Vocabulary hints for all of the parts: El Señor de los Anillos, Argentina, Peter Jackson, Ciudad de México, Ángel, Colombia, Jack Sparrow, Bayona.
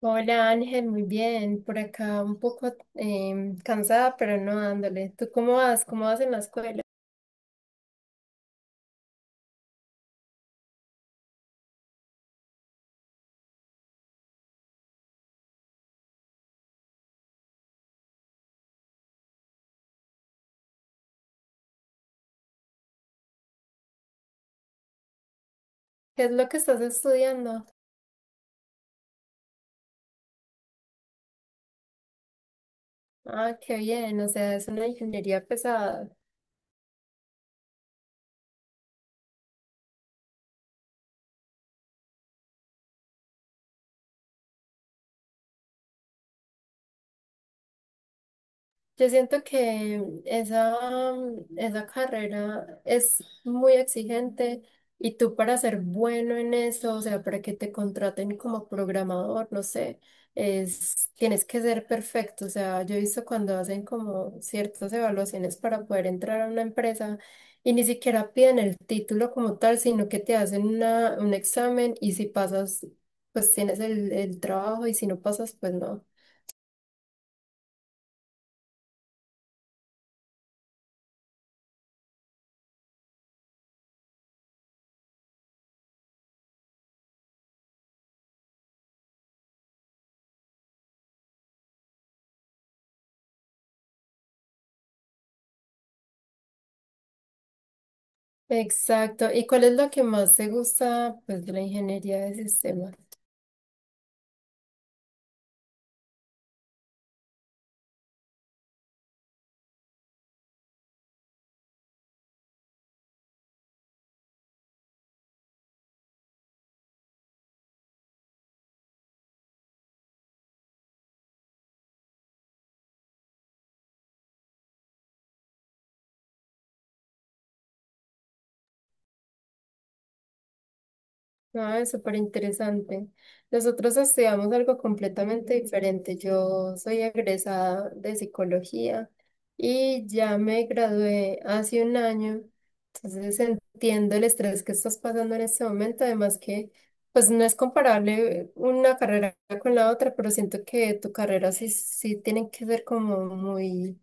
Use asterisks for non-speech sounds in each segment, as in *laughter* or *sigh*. Hola Ángel, muy bien. Por acá un poco cansada, pero no dándole. ¿Tú cómo vas? ¿Cómo vas en la escuela? ¿Qué es lo que estás estudiando? Ah, qué bien. O sea, es una ingeniería pesada. Yo siento que esa carrera es muy exigente y tú para ser bueno en eso, o sea, para que te contraten como programador, no sé, tienes que ser perfecto. O sea, yo he visto cuando hacen como ciertas evaluaciones para poder entrar a una empresa y ni siquiera piden el título como tal, sino que te hacen un examen y si pasas, pues tienes el trabajo y si no pasas, pues no. Exacto. ¿Y cuál es lo que más te gusta, pues, de la ingeniería de sistemas? Ah, es súper interesante. Nosotros estudiamos algo completamente diferente. Yo soy egresada de psicología y ya me gradué hace un año. Entonces entiendo el estrés que estás pasando en este momento. Además que, pues, no es comparable una carrera con la otra, pero siento que tu carrera sí tienen que ser como muy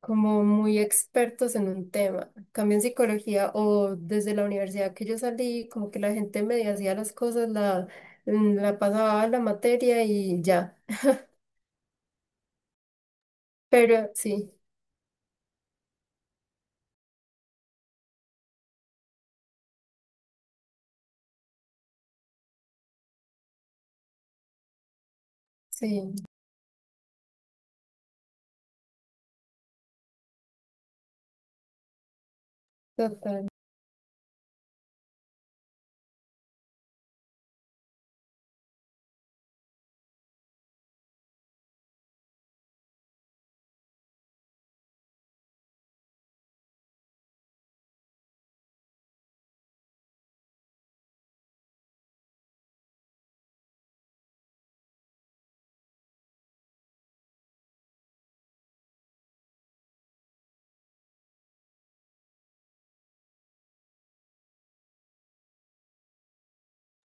como muy expertos en un tema. En cambio en psicología, o desde la universidad que yo salí, como que la gente medio hacía las cosas, la pasaba a la materia y ya. Pero sí, sí, total.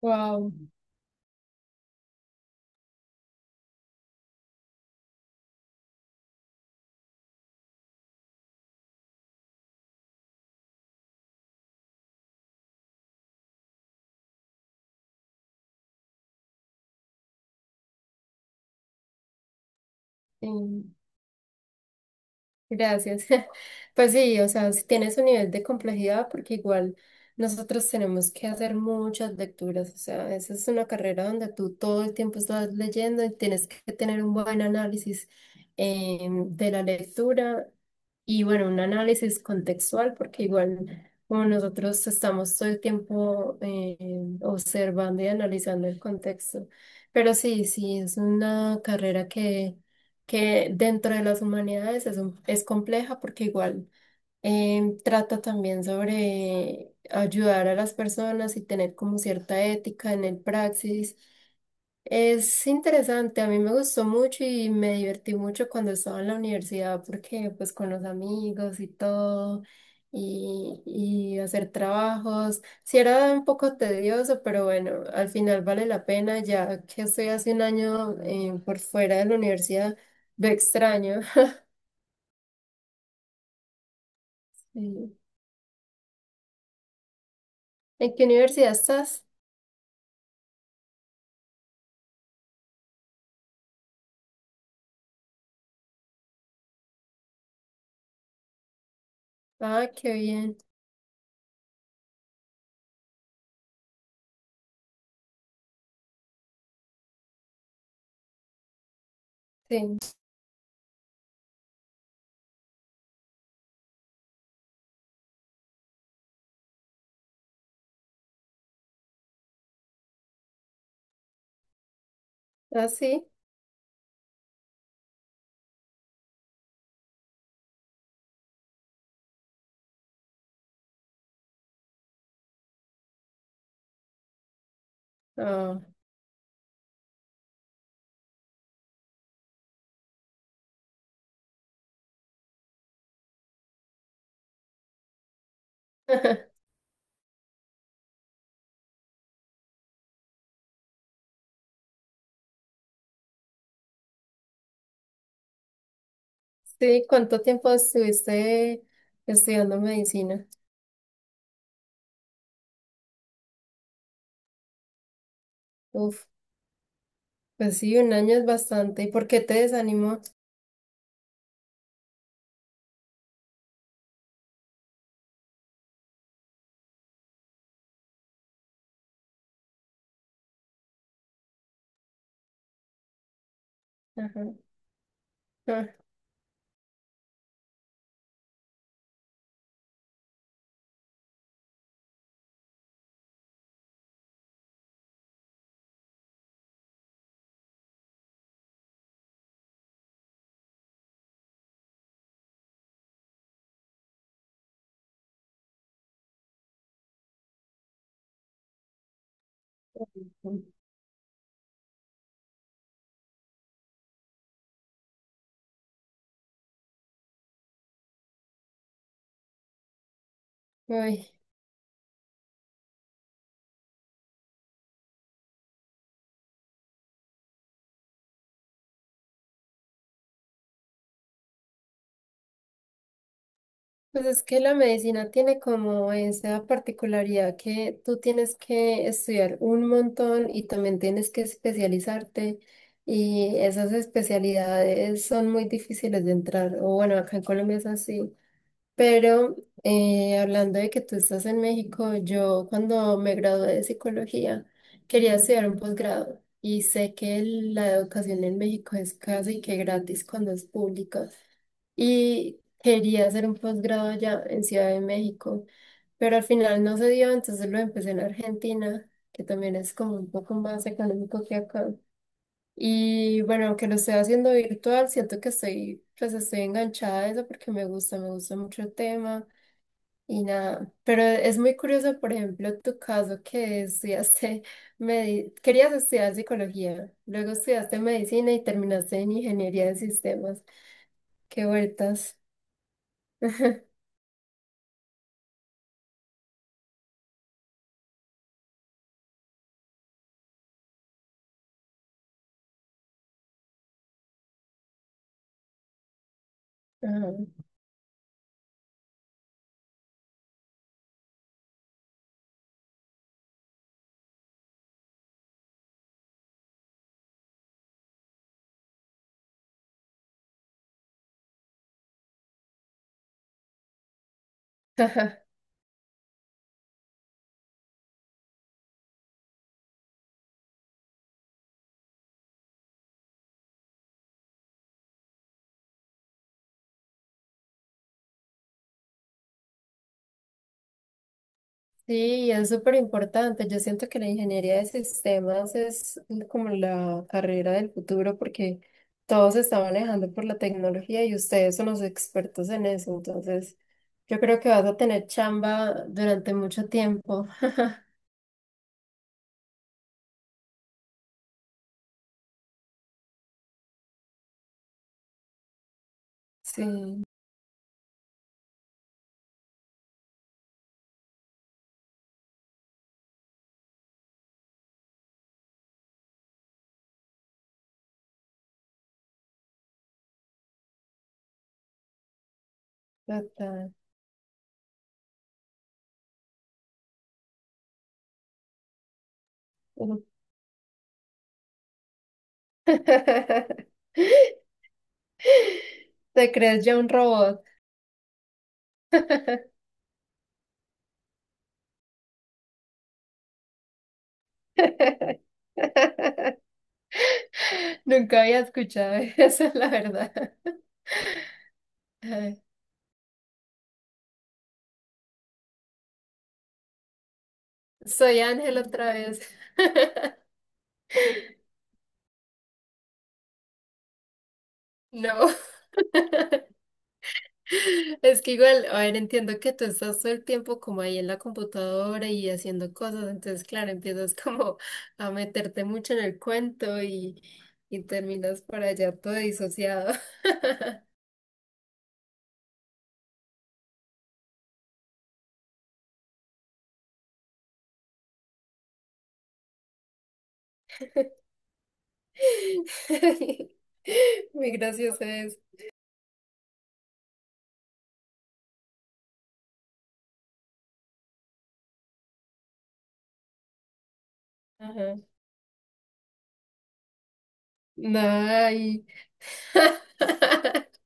Wow. Gracias. *laughs* Pues sí, o sea, sí tiene su nivel de complejidad porque igual nosotros tenemos que hacer muchas lecturas, o sea, esa es una carrera donde tú todo el tiempo estás leyendo y tienes que tener un buen análisis de la lectura. Y bueno, un análisis contextual, porque igual como nosotros estamos todo el tiempo observando y analizando el contexto, pero sí, sí, es una carrera que dentro de las humanidades es compleja, porque igual trata también sobre ayudar a las personas y tener como cierta ética en el praxis. Es interesante, a mí me gustó mucho y me divertí mucho cuando estaba en la universidad porque, pues, con los amigos y todo y hacer trabajos, sí era un poco tedioso, pero bueno, al final vale la pena. Ya que estoy hace un año por fuera de la universidad, lo extraño. *laughs* Sí. ¿En qué universidad estás? Ah, qué bien. Sí. ¿Ah, sí? Ah. *laughs* Sí, ¿cuánto tiempo estuviste estudiando medicina? Uf. Pues sí, un año es bastante. ¿Y por qué te desanimó? Ajá. Ah. Ay, pues es que la medicina tiene como esa particularidad que tú tienes que estudiar un montón y también tienes que especializarte, y esas especialidades son muy difíciles de entrar. O bueno, acá en Colombia es así. Pero, hablando de que tú estás en México, yo cuando me gradué de psicología quería estudiar un posgrado, y sé que la educación en México es casi que gratis cuando es pública, y quería hacer un posgrado ya en Ciudad de México, pero al final no se dio, entonces lo empecé en Argentina, que también es como un poco más económico que acá. Y bueno, aunque lo estoy haciendo virtual, siento que estoy, pues estoy enganchada a eso porque me gusta mucho el tema. Y nada, pero es muy curioso, por ejemplo, tu caso, que estudiaste, *laughs* querías estudiar psicología, luego estudiaste medicina y terminaste en ingeniería de sistemas. Qué vueltas. Ajá. *laughs* Sí, es súper importante. Yo siento que la ingeniería de sistemas es como la carrera del futuro, porque todo se está manejando por la tecnología y ustedes son los expertos en eso. Entonces, yo creo que vas a tener chamba durante mucho tiempo. *laughs* Sí. Total. Ujú. *laughs* Te crees ya un robot. *laughs* Nunca había escuchado eso, la verdad. Ay. Soy Ángel otra vez. *laughs* No, *laughs* es que igual, a ver, entiendo que tú estás todo el tiempo como ahí en la computadora y haciendo cosas, entonces claro, empiezas como a meterte mucho en el cuento y terminas por allá todo disociado. *laughs* *laughs* Muy gracioso es. Ajá. Ay. *laughs*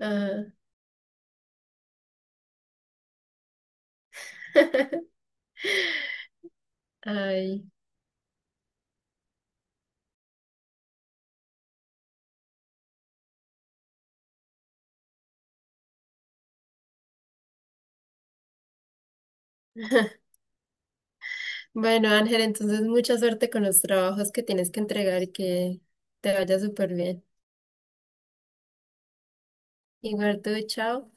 Ah. *laughs* Ay. *laughs* Bueno, Ángel, entonces mucha suerte con los trabajos que tienes que entregar y que te vaya súper bien. Igual tú, chao.